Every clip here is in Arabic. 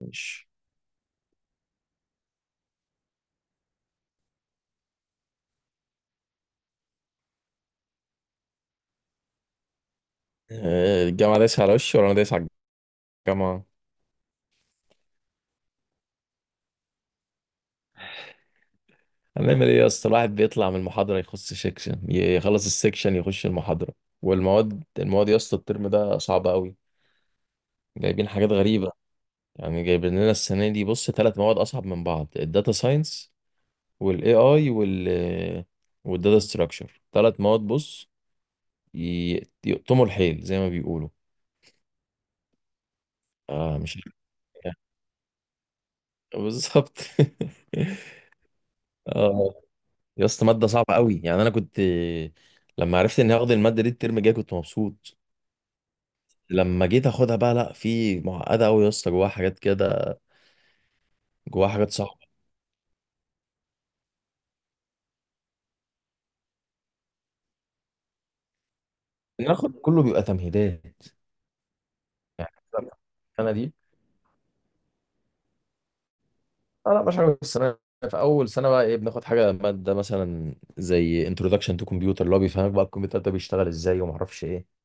ماشي. الجامعة دايسة على وشي ولا أنا دايس على الجامعة؟ هنعمل إيه يا اسطى؟ الواحد بيطلع من المحاضرة يخش سيكشن يخلص السيكشن يخش المحاضرة. والمواد، يا اسطى الترم ده صعبة أوي، جايبين حاجات غريبة. يعني جايبين لنا السنة دي، بص، ثلاث مواد أصعب من بعض: الداتا ساينس والاي اي والداتا ستراكشر. ثلاث مواد، بص، يقطموا الحيل زي ما بيقولوا. آه مش بالظبط اه يا اسطى ماده صعبه قوي، يعني انا كنت لما عرفت اني هاخد الماده دي الترم الجاي كنت مبسوط، لما جيت اخدها بقى لا، في معقده قوي يا اسطى، جواها حاجات كده، جواها حاجات صعبه. ان اخد كله بيبقى تمهيدات، يعني السنه دي. اه لا مش حاجه السنه. في اول سنه بقى ايه، بناخد حاجه ماده مثلا زي انتروداكشن تو كمبيوتر، اللي هو بيفهمك بقى الكمبيوتر ده بيشتغل ازاي وما اعرفش ايه.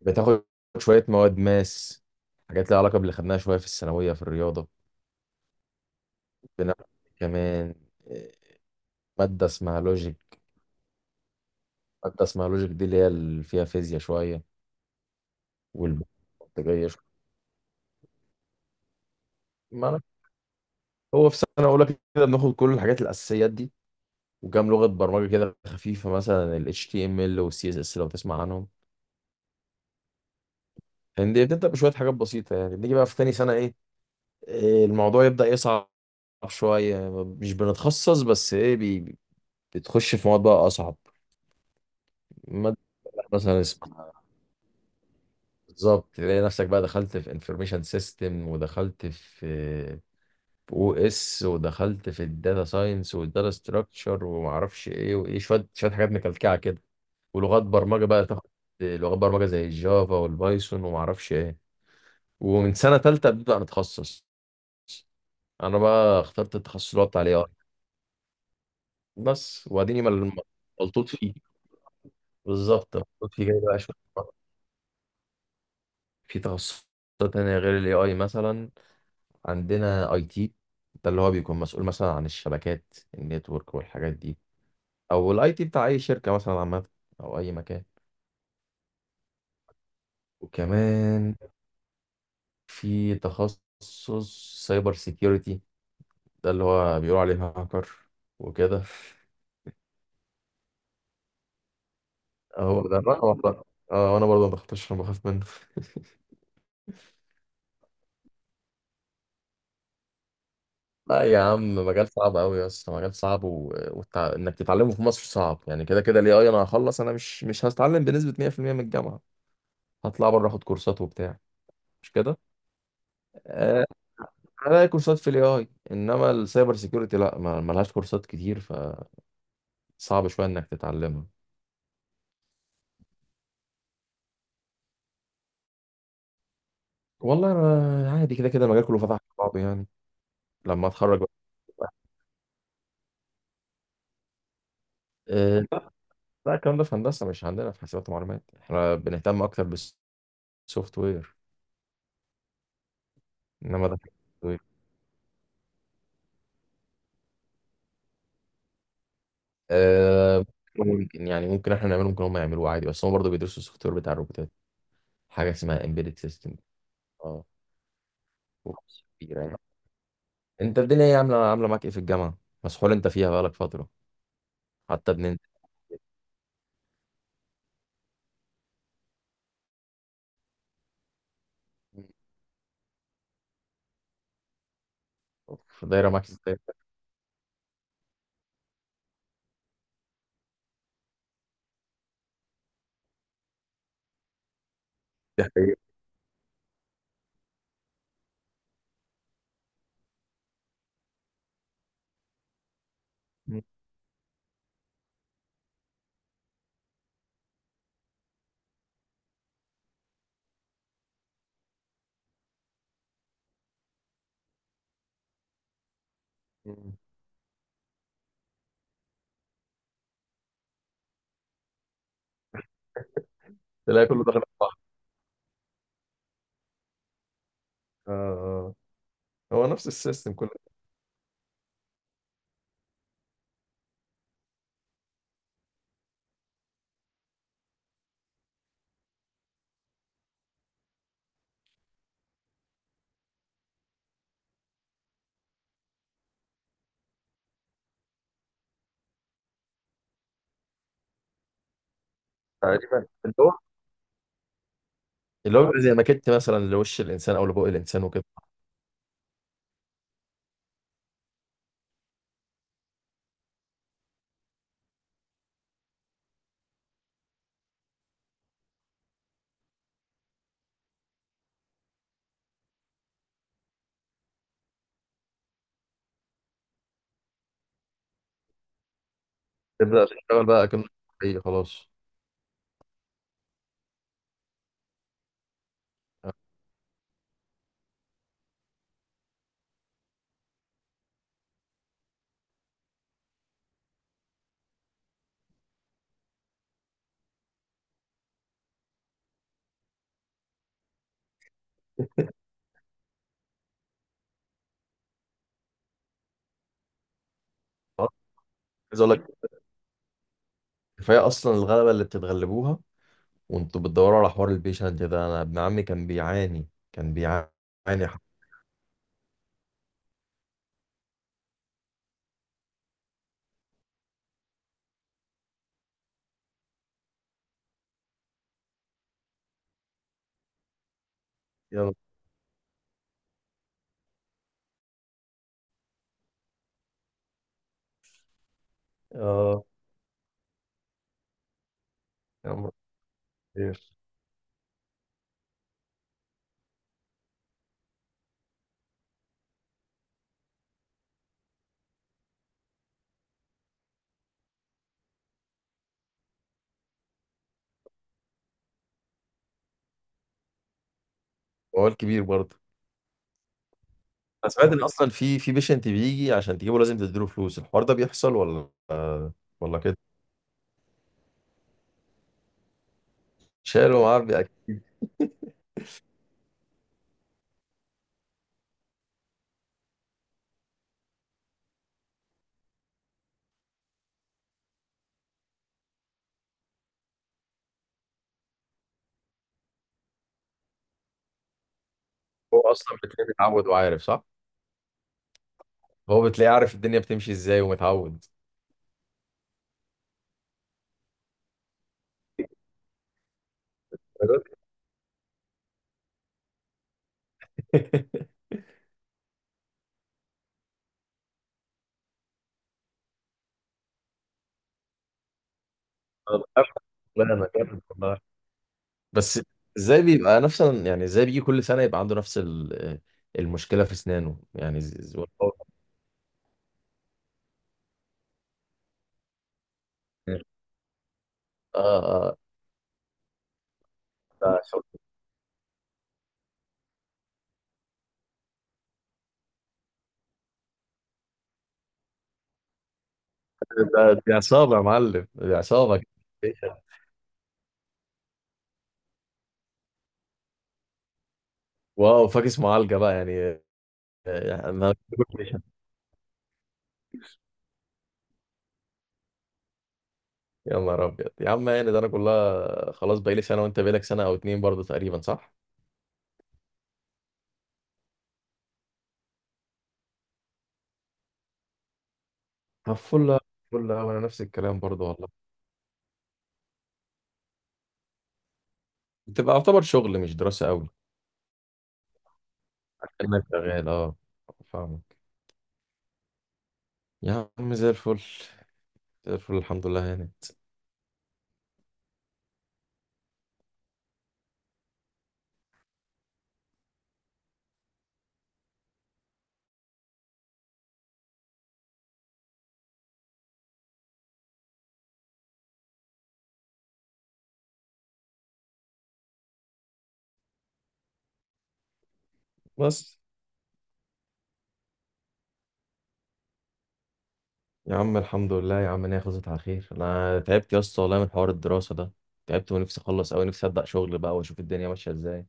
بتاخد شويه مواد ماس، حاجات لها علاقه باللي خدناها شويه في الثانويه في الرياضه. بناخد كمان ماده اسمها لوجيك، مادة اسمها لوجيك دي اللي هي اللي فيها فيزياء شوية والبرمجية شوية. معنى هو في سنة أولى كده بناخد كل الحاجات الأساسيات دي، وكام لغة برمجة كده خفيفة مثلا ال HTML وال CSS لو تسمع عنهم. يعني دي بتبدأ بشوية حاجات بسيطة، يعني نيجي بقى في تاني سنة إيه إيه، الموضوع يبدأ يصعب شوية. مش بنتخصص بس إيه، بتخش في مواد بقى أصعب. مادة مثلا اسمها، بالظبط، تلاقي نفسك بقى دخلت في انفورميشن سيستم، ودخلت في و اس، ودخلت في الداتا ساينس والداتا ستراكشر وما اعرفش ايه وايه، شويه شويه حاجات مكلكعه كده. ولغات برمجه بقى تاخد، لغات برمجه زي الجافا والبايثون وما اعرفش ايه. ومن سنه ثالثه ابتديت نتخصص. انا بقى اخترت التخصص اللي هو بتاع الاي اي، بس واديني ملطوط فيه، بالظبط ملطوط فيه جاي بقى شويه. في تخصصات تانية غير الاي اي، مثلا عندنا اي تي، ده اللي هو بيكون مسؤول مثلا عن الشبكات النتورك والحاجات دي، او الاي تي بتاع اي شركه مثلا عامه او اي مكان. وكمان في تخصص سايبر سيكيورتي، ده اللي هو بيقولوا عليه هاكر وكده. هو ده الرقم ده. اه وانا برضه ما بختش، انا بخاف منه. لا يا عم، مجال صعب قوي يا اسطى، مجال صعب، و... انك تتعلمه في مصر صعب. يعني كده كده الاي اي انا هخلص، انا مش هتعلم بنسبه 100% من الجامعه، هطلع بره اخد كورسات وبتاع، مش كده؟ آه... هلاقي كورسات في الاي اي، انما السايبر سيكيورتي لا، ما... ملهاش كورسات كتير، ف صعب شويه انك تتعلمها. والله انا عادي، كده كده المجال كله فتح على بعضه يعني. لما اتخرج بقى. أه لا الكلام ده في هندسه، مش عندنا في حاسبات ومعلومات، احنا بنهتم اكتر بالسوفت وير. انما ده سوفت وير. أه ممكن، يعني ممكن احنا نعمله، ممكن هم يعملوه عادي، بس هم برضه بيدرسوا السوفت وير بتاع الروبوتات. حاجه اسمها امبيدد سيستم. اه وقصة كبيره يعني. انت الدنيا ايه عامله، عامله معاك ايه في الجامعه؟ مسحول انت فيها بقالك فتره، حتى بننت في دايره معاك ازاي؟ دي حقيقة. مم. تلاقي كله داخل في بعض. آه. هو نفس السيستم كله تقريبا، اللي هو بيبقى زي ماكيت مثلا لوش الانسان او لبوق الانسان وكده. تبدا تشتغل بقى كأنه حقيقي خلاص. خلاص. عايز اقول لك، كفايه اصلا الغلبه اللي بتتغلبوها وانتوا بتدوروا على حوار البيشنت ده. انا ابن عمي كان بيعاني حرفيا. اه يا عمر، خير؟ وقال كبير برضه. انا سمعت ان اصلا في بيشنت بيجي، عشان تجيبه لازم تديله فلوس، الحوار ده بيحصل ولا ولا كده؟ شاله معاه بيأكل. هو اصلا بتلاقيه متعود وعارف، صح؟ هو بتلاقيه عارف الدنيا بتمشي ازاي ومتعود. والله لا انا جامد والله. بس ازاي بيبقى نفس ال-، يعني ازاي بيجي كل سنة يبقى عنده نفس ال- المشكلة في اسنانه؟ يعني والله. اه. اه. ده شغل- ده، دي عصابة يا معلم، دي عصابة. واو فاكس معالجة بقى يعني. يعني انا، يا نهار ابيض يا عم، يعني ده انا كلها خلاص بقالي سنة، وانت بقالك سنة او اتنين برضه تقريبا، صح؟ طب فل فل أوي، انا نفس الكلام برضه والله. بتبقى يعتبر شغل مش دراسة قوي. كأنك شغال، اه. فاهمك. يا عم زي الفل، زي الفل، الحمد لله هانت. بس يا عم الحمد لله يا عم ان هي خلصت على خير. انا تعبت يا اسطى والله من حوار الدراسة ده، تعبت ونفسي اخلص قوي، نفسي ابدا شغل بقى واشوف الدنيا ماشية ازاي.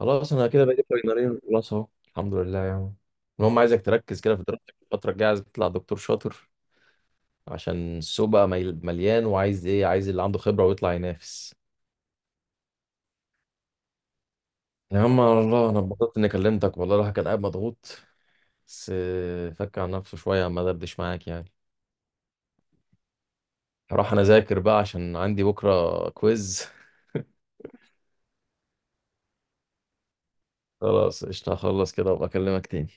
خلاص انا كده بقيت فاينلين خلاص اهو الحمد لله يعني. المهم عايزك تركز كده في دراستك الفترة الجاية، عايز تطلع دكتور شاطر، عشان السوق بقى مليان، وعايز ايه، عايز اللي عنده خبرة ويطلع ينافس. يا عم على الله، انا اتبسطت اني كلمتك والله، الواحد كان قاعد مضغوط بس فك عن نفسه شوية ما دردش معاك يعني. هروح أنا أذاكر بقى عشان عندي بكرة كويز. خلاص قشطة، هخلص كده وأبقى أكلمك تاني.